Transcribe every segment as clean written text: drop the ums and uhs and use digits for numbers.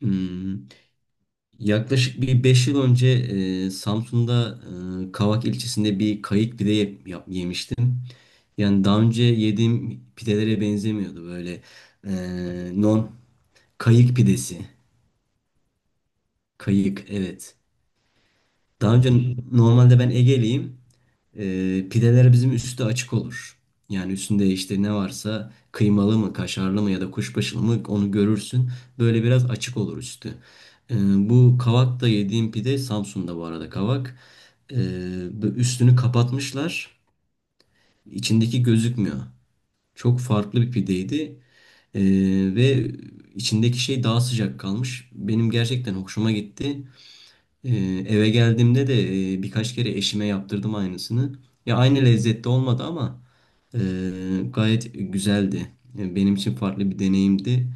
Hmm, yaklaşık bir 5 yıl önce Samsun'da Kavak ilçesinde bir kayık yemiştim. Yani daha önce yediğim pidelere benzemiyordu böyle e, non kayık pidesi. Kayık, evet. Daha önce normalde ben Ege'liyim. E, pideler bizim üstü açık olur. Yani üstünde işte ne varsa kıymalı mı, kaşarlı mı ya da kuşbaşılı mı onu görürsün. Böyle biraz açık olur üstü. E, bu kavakta yediğim pide Samsun'da, bu arada kavak. E, bu üstünü kapatmışlar. İçindeki gözükmüyor. Çok farklı bir pideydi. E, ve içindeki şey daha sıcak kalmış. Benim gerçekten hoşuma gitti. Ee, eve geldiğimde de birkaç kere eşime yaptırdım aynısını. Ya aynı lezzette olmadı ama e, gayet güzeldi. E, benim için farklı bir deneyimdi.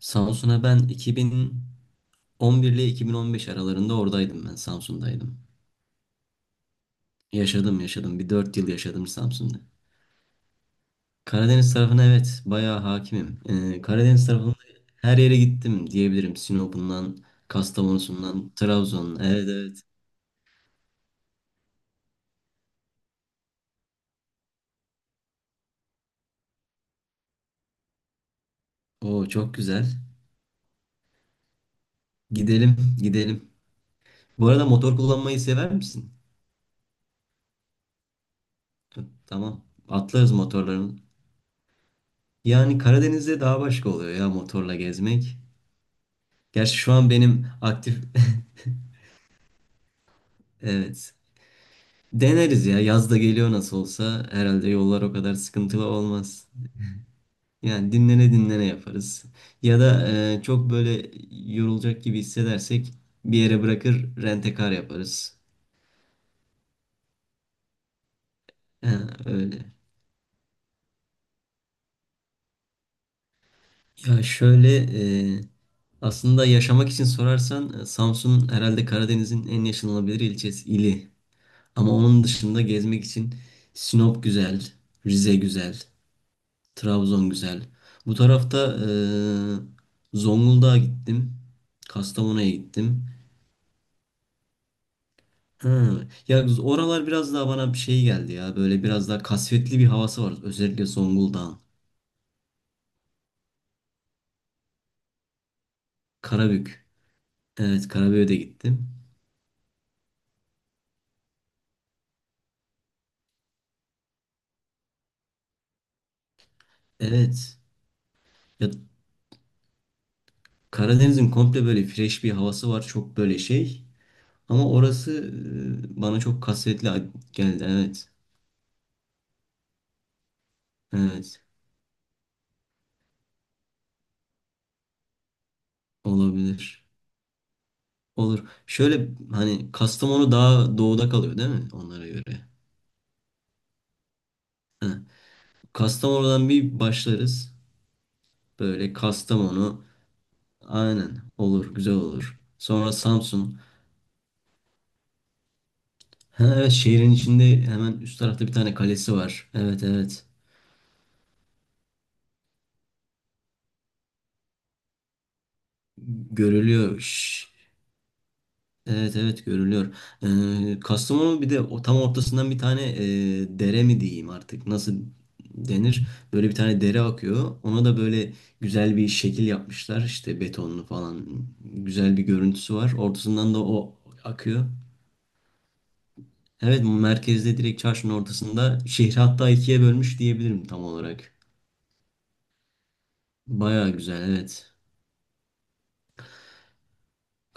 Samsun'a ben 2011 ile 2015 aralarında oradaydım, ben Samsun'daydım. Yaşadım, yaşadım. Bir 4 yıl yaşadım Samsun'da. Karadeniz tarafına evet, bayağı hakimim. E, Karadeniz tarafında her yere gittim diyebilirim. Sinop'undan, Kastamonu'sundan, Trabzon'dan. Evet, evet. O çok güzel. Gidelim, gidelim. Bu arada motor kullanmayı sever misin? Tamam. Atlarız motorların. Yani Karadeniz'de daha başka oluyor ya motorla gezmek. Gerçi şu an benim aktif... Evet. Deneriz ya. Yaz da geliyor nasıl olsa. Herhalde yollar o kadar sıkıntılı olmaz. Yani dinlene dinlene yaparız. Ya da çok böyle yorulacak gibi hissedersek bir yere bırakır rent yaparız. Ha, öyle. Ya şöyle, e, aslında yaşamak için sorarsan Samsun herhalde Karadeniz'in en yaşanılabilir ilçesi, ili. Ama onun dışında gezmek için Sinop güzel, Rize güzel, Trabzon güzel. Bu tarafta Zonguldak'a gittim, Kastamonu'ya gittim. Ha, ya oralar biraz daha bana bir şey geldi ya. Böyle biraz daha kasvetli bir havası var. Özellikle Zonguldak'ın. Karabük. Evet, Karabük'e de gittim. Evet. Ya, Karadeniz'in komple böyle fresh bir havası var. Çok böyle şey. Ama orası bana çok kasvetli geldi. Evet. Evet. Olabilir. Olur. Şöyle, hani Kastamonu daha doğuda kalıyor değil mi? Onlara göre. Heh. Kastamonu'dan bir başlarız. Böyle Kastamonu. Aynen. Olur. Güzel olur. Sonra Samsun. Ha, evet, şehrin içinde hemen üst tarafta bir tane kalesi var. Evet, evet. Görülüyor. Şşş. Evet, evet, görülüyor. Kastamonu bir de o tam ortasından bir tane dere mi diyeyim artık nasıl denir? Böyle bir tane dere akıyor. Ona da böyle güzel bir şekil yapmışlar işte, betonlu falan, güzel bir görüntüsü var. Ortasından da o akıyor. Evet, merkezde, direkt çarşının ortasında, şehri hatta ikiye bölmüş diyebilirim tam olarak. Baya güzel evet,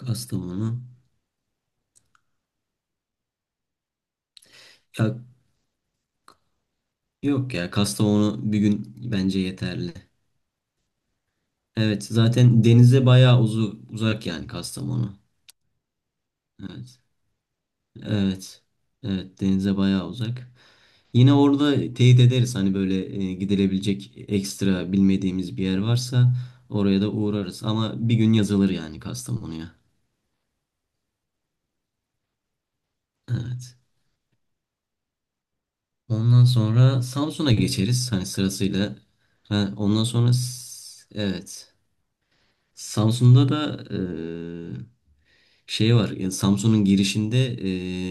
Kastamonu. Ya, yok ya, Kastamonu bir gün bence yeterli. Evet, zaten denize bayağı uzak yani Kastamonu. Evet. Evet. Evet, denize bayağı uzak. Yine orada teyit ederiz, hani böyle gidilebilecek ekstra bilmediğimiz bir yer varsa oraya da uğrarız. Ama bir gün yazılır yani Kastamonu'ya. Evet. Ondan sonra Samsun'a geçeriz hani sırasıyla. Evet. Samsun'da da şey var. Yani Samsun'un girişinde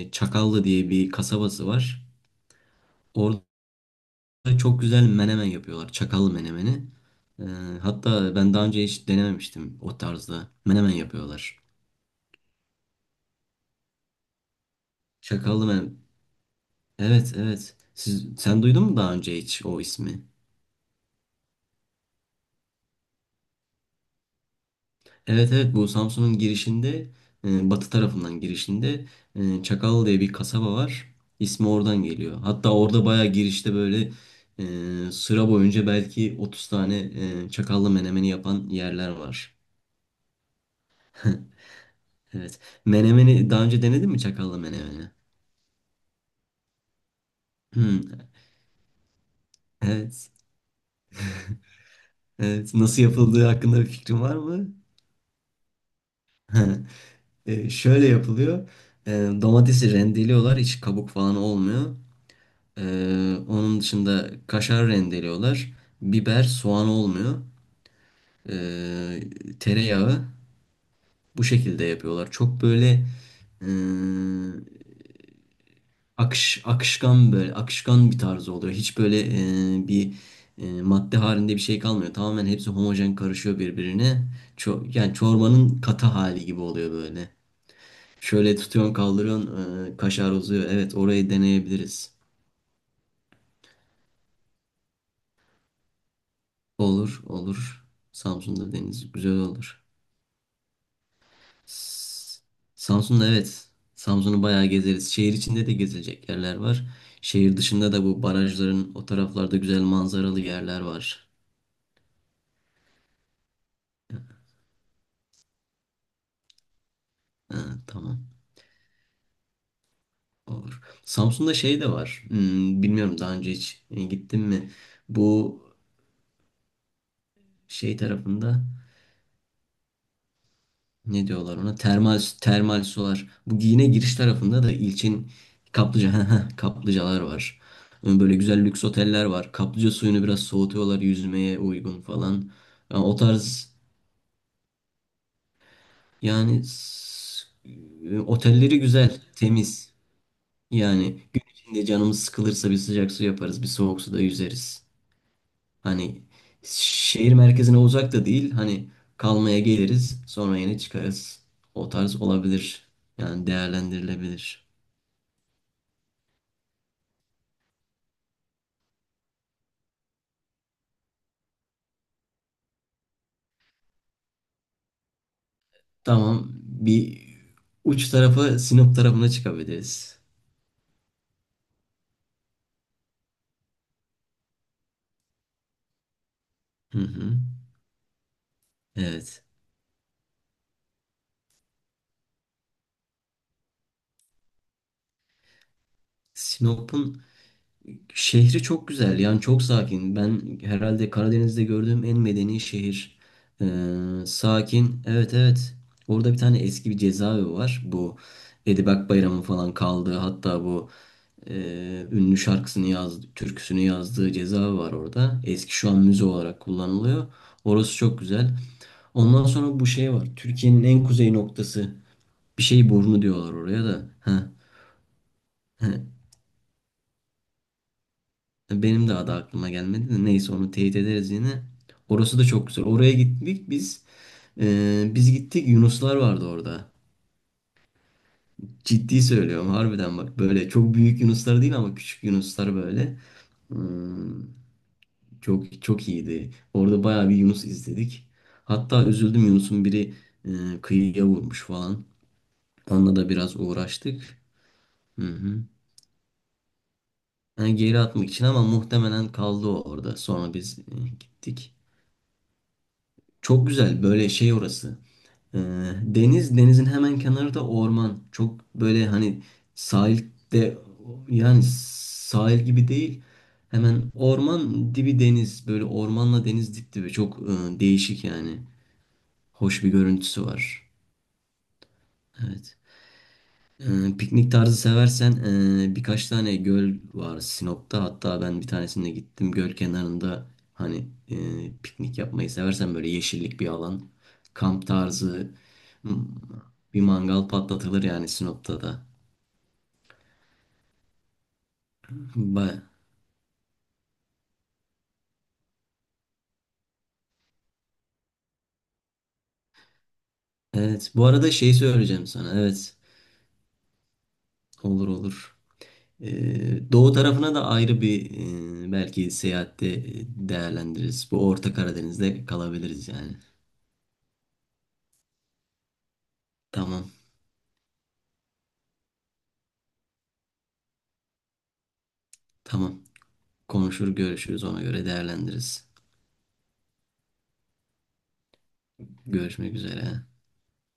Çakallı diye bir kasabası var. Orada çok güzel menemen yapıyorlar. Çakallı menemeni. E, hatta ben daha önce hiç denememiştim o tarzda. Menemen yapıyorlar. Çakallı menemen. Evet, evet. Sen duydun mu daha önce hiç o ismi? Evet, evet, bu Samsun'un girişinde, batı tarafından girişinde Çakal diye bir kasaba var. İsmi oradan geliyor. Hatta orada bayağı girişte böyle sıra boyunca belki 30 tane çakallı menemeni yapan yerler var. Evet. Menemeni daha önce denedin mi, çakallı menemeni? Hmm, evet. Evet. Nasıl yapıldığı hakkında bir fikrin var mı? E, şöyle yapılıyor. E, domatesi rendeliyorlar. Hiç kabuk falan olmuyor. Onun dışında kaşar rendeliyorlar. Biber, soğan olmuyor. Ee, tereyağı, bu şekilde yapıyorlar. Çok böyle e, akışkan, böyle akışkan bir tarz oluyor. Hiç böyle e, bir madde halinde bir şey kalmıyor. Tamamen hepsi homojen karışıyor birbirine. Yani çorbanın katı hali gibi oluyor böyle. Şöyle tutuyorsun, kaldırıyorsun, kaşar uzuyor. Evet, orayı deneyebiliriz. Olur, olur. Samsun'da deniz güzel olur. S- Samsun'da evet. Samsun'u bayağı gezeriz. Şehir içinde de gezilecek yerler var. Şehir dışında da bu barajların o taraflarda güzel manzaralı yerler var. Ha, tamam. Olur. Samsun'da şey de var. Hmm, bilmiyorum daha önce hiç gittim mi? Bu şey tarafında. Ne diyorlar ona? Termal, termal sular. Bu yine giriş tarafında da ilçin kaplıca haha, kaplıcalar var. Böyle güzel lüks oteller var. Kaplıca suyunu biraz soğutuyorlar yüzmeye uygun falan. Yani o tarz, yani s- otelleri güzel, temiz. Yani gün içinde canımız sıkılırsa bir sıcak su yaparız, bir soğuk suda yüzeriz. Hani şehir merkezine uzak da değil. Hani kalmaya geliriz, sonra yine çıkarız. O tarz olabilir. Yani değerlendirilebilir. Tamam, bir uç tarafı Sinop tarafına çıkabiliriz. Hı hı. Evet. Sinop'un şehri çok güzel, yani çok sakin. Ben herhalde Karadeniz'de gördüğüm en medeni şehir. Ee, sakin. Evet, evet. Orada bir tane eski bir cezaevi var. Bu Edibak Bayram'ın falan kaldığı, hatta bu e, ünlü şarkısını yazdı, türküsünü yazdığı cezaevi var orada. Eski, şu an müze olarak kullanılıyor. Orası çok güzel. Ondan sonra bu şey var, Türkiye'nin en kuzey noktası. Bir şey burnu diyorlar oraya da. Heh. Benim de adı aklıma gelmedi, de neyse onu teyit ederiz yine. Orası da çok güzel. Oraya gittik biz. Biz gittik, Yunuslar vardı orada. Ciddi söylüyorum harbiden bak, böyle çok büyük Yunuslar değil ama küçük Yunuslar böyle. Hmm, çok çok iyiydi. Orada bayağı bir Yunus izledik. Hatta üzüldüm, Yunus'un biri kıyıya vurmuş falan. Onunla da biraz uğraştık. Hı hı. Yani geri atmak için, ama muhtemelen kaldı o orada. Sonra biz gittik. Çok güzel böyle şey orası. Ee, deniz, denizin hemen kenarı da orman. Çok böyle hani sahilde, yani sahil gibi değil. Hemen orman dibi deniz. Böyle ormanla deniz dip dibi. Çok değişik yani. Hoş bir görüntüsü var. Evet. Piknik tarzı seversen birkaç tane göl var Sinop'ta. Hatta ben bir tanesinde gittim. Göl kenarında hani piknik yapmayı seversen, böyle yeşillik bir alan, kamp tarzı, hmm, bir mangal patlatılır yani Sinop'ta da. Ba- evet. Bu arada şey söyleyeceğim sana. Evet. Olur, olur. Doğu tarafına da ayrı bir belki seyahatte değerlendiririz. Bu Orta Karadeniz'de kalabiliriz yani. Tamam. Tamam. Konuşur, görüşürüz, ona göre değerlendiririz. Görüşmek üzere.